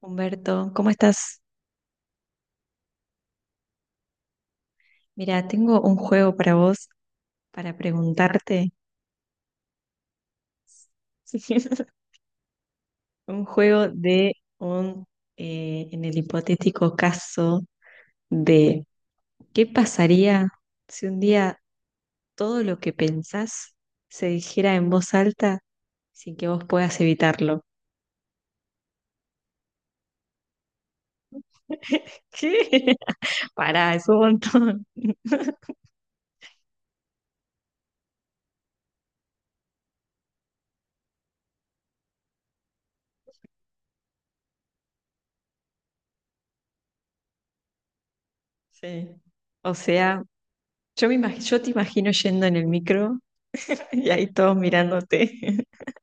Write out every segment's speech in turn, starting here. Humberto, ¿cómo estás? Mira, tengo un juego para vos, para preguntarte. Un juego de un, en el hipotético caso de ¿qué pasaría si un día todo lo que pensás se dijera en voz alta sin que vos puedas evitarlo? ¿Qué? Pará, es un montón. Sí. O sea, yo te imagino yendo en el micro y ahí todos mirándote.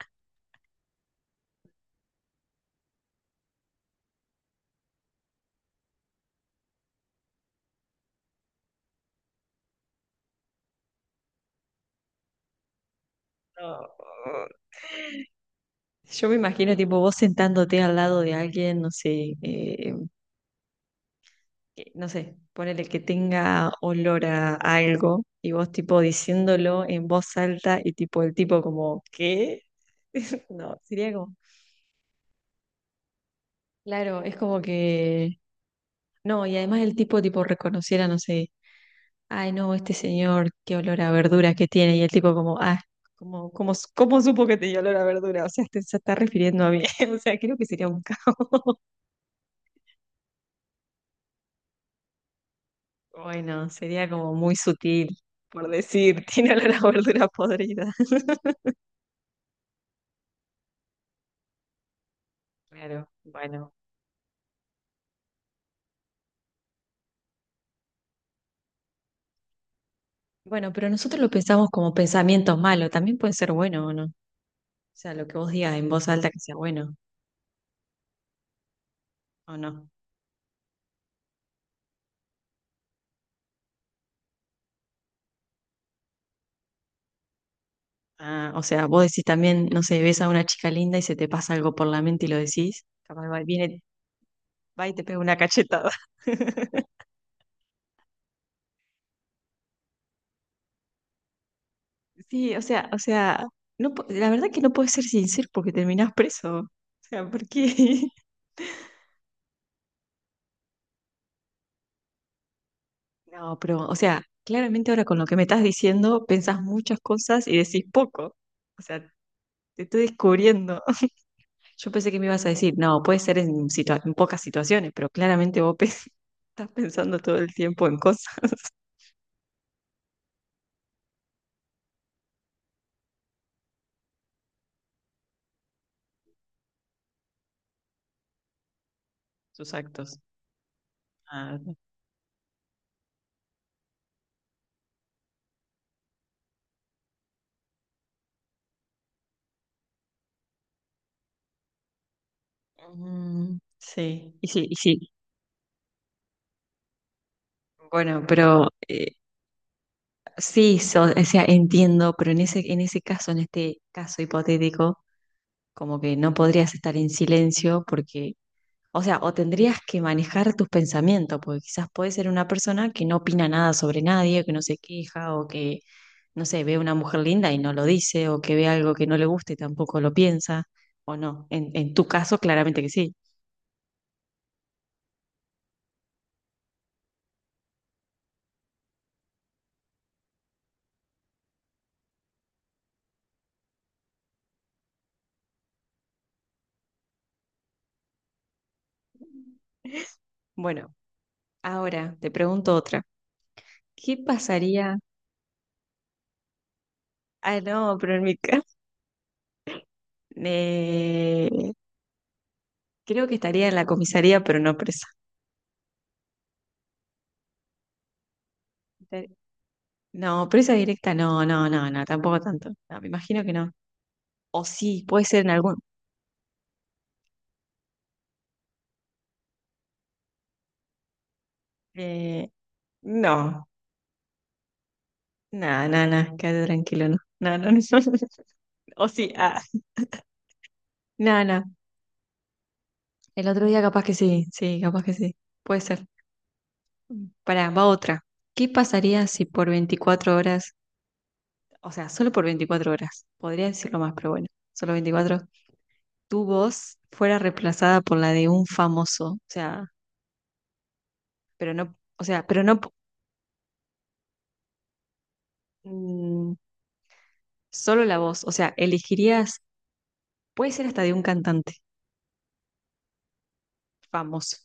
No. Yo me imagino, tipo, vos sentándote al lado de alguien, no sé, que- no sé, ponele que tenga olor a algo y vos, tipo, diciéndolo en voz alta y, tipo, el tipo como, ¿qué? No, sería como, claro, es como que, no, y además el tipo, tipo, reconociera, no sé, ay, no, este señor, qué olor a verduras que tiene, y el tipo como, ah, como, como, ¿cómo supo que tenía olor a verdura? O sea, te- se está refiriendo a mí, o sea, creo que sería un caos. Bueno, sería como muy sutil, por decir, tiene olor a verdura podrida. Claro, bueno. Bueno, pero nosotros lo pensamos como pensamientos malos, también puede ser bueno o no. O sea, lo que vos digas en voz alta que sea bueno o no. Ah, o sea, vos decís también, no sé, ves a una chica linda y se te pasa algo por la mente y lo decís, capaz va, viene, va y te pega una cachetada. Sí, o sea, no, po- la verdad que no puedes ser sincero porque terminás preso. O sea, ¿por qué? No, pero, o sea, claramente ahora con lo que me estás diciendo, pensás muchas cosas y decís poco. O sea, te estoy descubriendo. Yo pensé que me ibas a decir, no, puede ser situa- en pocas situaciones, pero claramente vos pe- estás pensando todo el tiempo en cosas, tus actos. Ah, sí, y sí, y sí. Bueno, pero sí, so- o sea, entiendo, pero en ese caso, en este caso hipotético, como que no podrías estar en silencio porque o sea, o tendrías que manejar tus pensamientos, porque quizás puede ser una persona que no opina nada sobre nadie, que no se queja, o que, no sé, ve una mujer linda y no lo dice, o que ve algo que no le gusta y tampoco lo piensa, o no. En tu caso, claramente que sí. Bueno, ahora te pregunto otra. ¿Qué pasaría? Ah, no, pero en mi caso, eh, creo que estaría en la comisaría, pero no presa. Estar- No, presa directa, no, no, no, no, tampoco tanto. No, me imagino que no. O sí, puede ser en algún, Eh, no, nada, nada, nada, quédate tranquilo, no. No, no, no. O sí, ah, nada, nada. El otro día capaz que sí, sí, capaz que sí. Puede ser. Pará, va otra. ¿Qué pasaría si por 24 horas, o sea, solo por 24 horas, podría decirlo más, pero bueno, solo 24, tu voz fuera reemplazada por la de un famoso? O sea, pero no, mm, solo la voz, o sea, elegirías, puede ser hasta de un cantante famoso.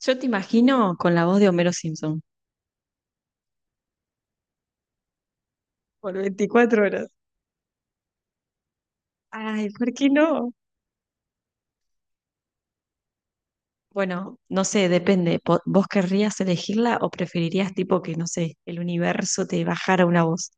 Yo te imagino con la voz de Homero Simpson por 24 horas. Ay, ¿por qué no? Bueno, no sé, depende. Po- ¿Vos querrías elegirla o preferirías tipo que, no sé, el universo te bajara una voz?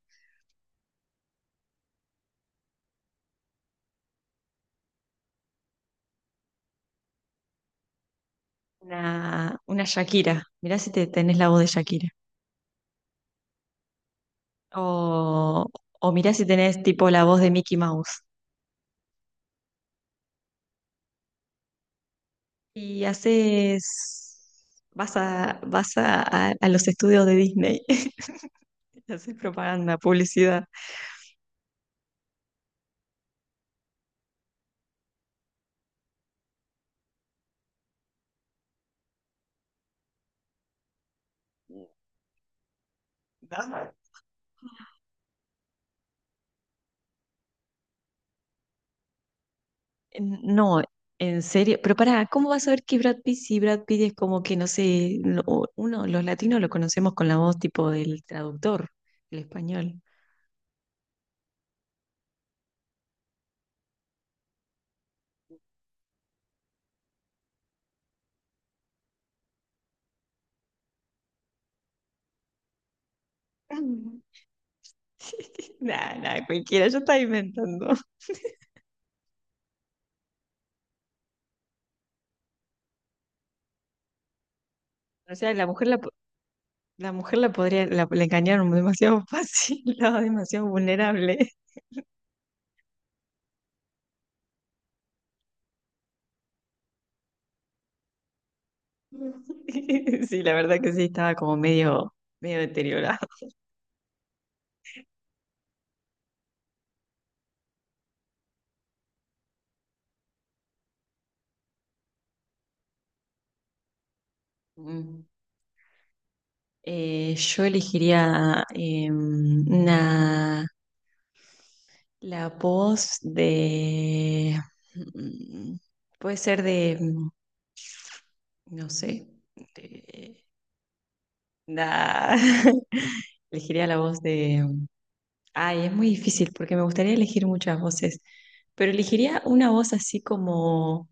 Una Shakira. Mirá si te tenés la voz de Shakira. O, o mirá si tenés tipo la voz de Mickey Mouse. Y haces... Vas a, vas a los estudios de Disney. Haces propaganda, publicidad. No. No, en serio. Pero pará, ¿cómo vas a ver que Brad Pitt si Brad Pitt es como que, no sé, lo- uno, los latinos lo conocemos con la voz tipo del traductor, el español. Nada, nada, cualquiera, yo estaba inventando. O sea, la mujer la, po- la mujer la podría, la engañaron demasiado fácil, estaba demasiado vulnerable. Sí, la verdad que sí, estaba como medio, medio deteriorado. Mm. Yo elegiría la voz de... mm, puede ser de, no sé, de... nah. Elegiría la voz de... Ay, es muy difícil porque me gustaría elegir muchas voces, pero elegiría una voz así como...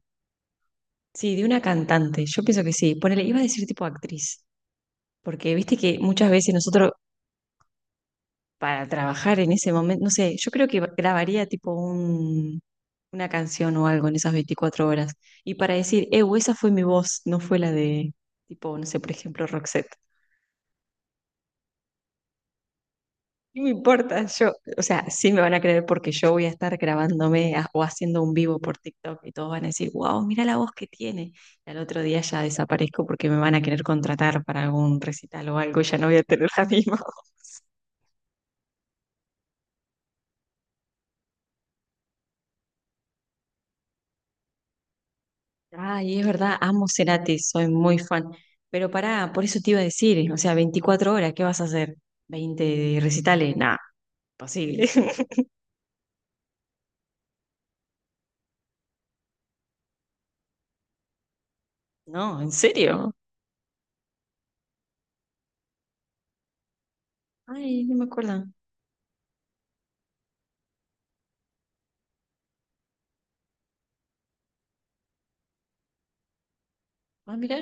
Sí, de una cantante. Yo pienso que sí. Ponele, iba a decir tipo actriz, porque viste que muchas veces nosotros para trabajar en ese momento. No sé, yo creo que grabaría tipo un, una canción o algo en esas 24 horas. Y para decir, esa fue mi voz, no fue la de, tipo, no sé, por ejemplo, Roxette. No me importa, yo, o sea, sí me van a creer porque yo voy a estar grabándome a- o haciendo un vivo por TikTok y todos van a decir, wow, mira la voz que tiene. Y al otro día ya desaparezco porque me van a querer contratar para algún recital o algo y ya no voy a tener la misma voz. Ay, es verdad, amo Cerati, soy muy fan. Pero pará, por eso te iba a decir, o sea, 24 horas, ¿qué vas a hacer? ¿Veinte recitales? Nada, imposible. No, ¿en serio? Ay, no me acuerdo. Ah, mirá.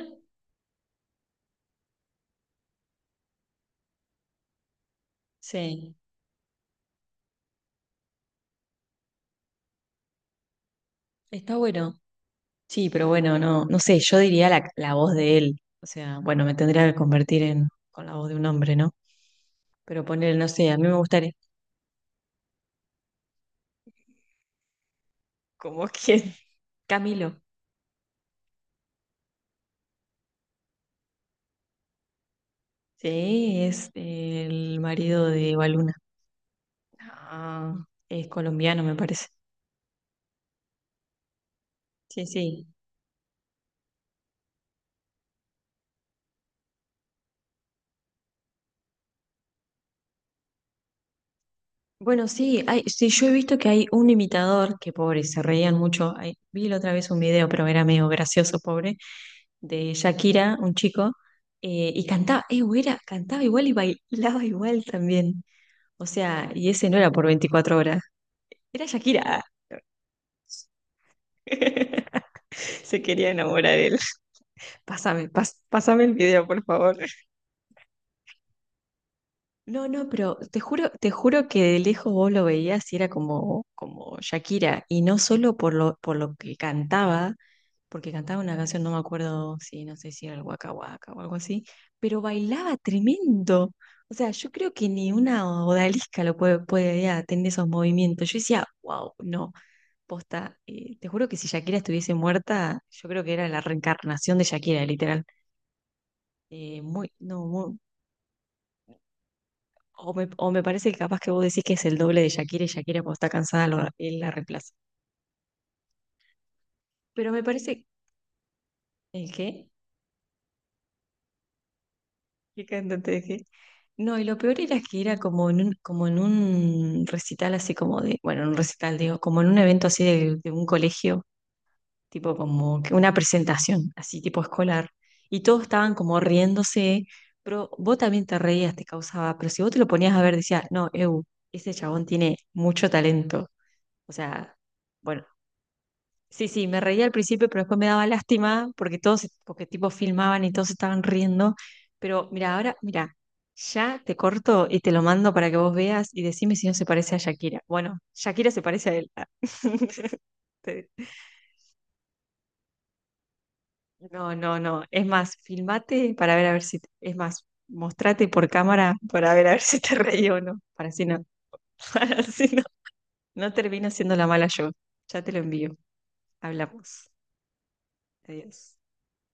Sí, está bueno. Sí, pero bueno, no, no sé, yo diría la, la voz de él. O sea, bueno, me tendría que convertir en con la voz de un hombre, ¿no? Pero poner, no sé, a mí me gustaría. ¿Cómo quién? Camilo. Sí, es el marido de Baluna. Ah, es colombiano, me parece. Sí, sí. Bueno, sí, hay, sí, yo he visto que hay un imitador, que pobre, se reían mucho. Ay, vi la otra vez un video, pero era medio gracioso, pobre, de Shakira, un chico, y cantaba, güera, cantaba igual y bailaba igual también. O sea, y ese no era por 24 horas, era Shakira. Se quería enamorar de él. Pásame el video, por favor. No, no, pero te juro que de lejos vos lo veías y era como, como Shakira, y no solo por lo que cantaba, porque cantaba una canción, no me acuerdo si, no sé si era el Waka Waka o algo así, pero bailaba tremendo. O sea, yo creo que ni una odalisca lo puede, puede ya, tener esos movimientos. Yo decía, wow, no, posta, te juro que si Shakira estuviese muerta, yo creo que era la reencarnación de Shakira, literal. Muy, no, muy, o me, o me parece que capaz que vos decís que es el doble de Shakira y Shakira cuando está cansada lo- él la reemplaza. Pero me parece... ¿El qué? ¿Qué cantante de qué? No, y lo peor era que era como en un recital así como de... Bueno, en un recital, digo, como en un evento así de un colegio, tipo como que una presentación, así tipo escolar. Y todos estaban como riéndose, pero vos también te reías, te causaba... Pero si vos te lo ponías a ver, decías, no, eu, ese chabón tiene mucho talento. O sea... Bueno, sí, sí, me reía al principio, pero después me daba lástima porque todos, se- porque tipo filmaban y todos estaban riendo. Pero mira, ahora, mira, ya te corto y te lo mando para que vos veas y decime si no se parece a Shakira. Bueno, Shakira se parece a él. Te- No, no, no. Es más, filmate para ver a ver si, es más, mostrate por cámara para ver a ver si te reí o no. Para si no, para si no, no termino siendo la mala yo. Ya te lo envío. Hablamos. Adiós.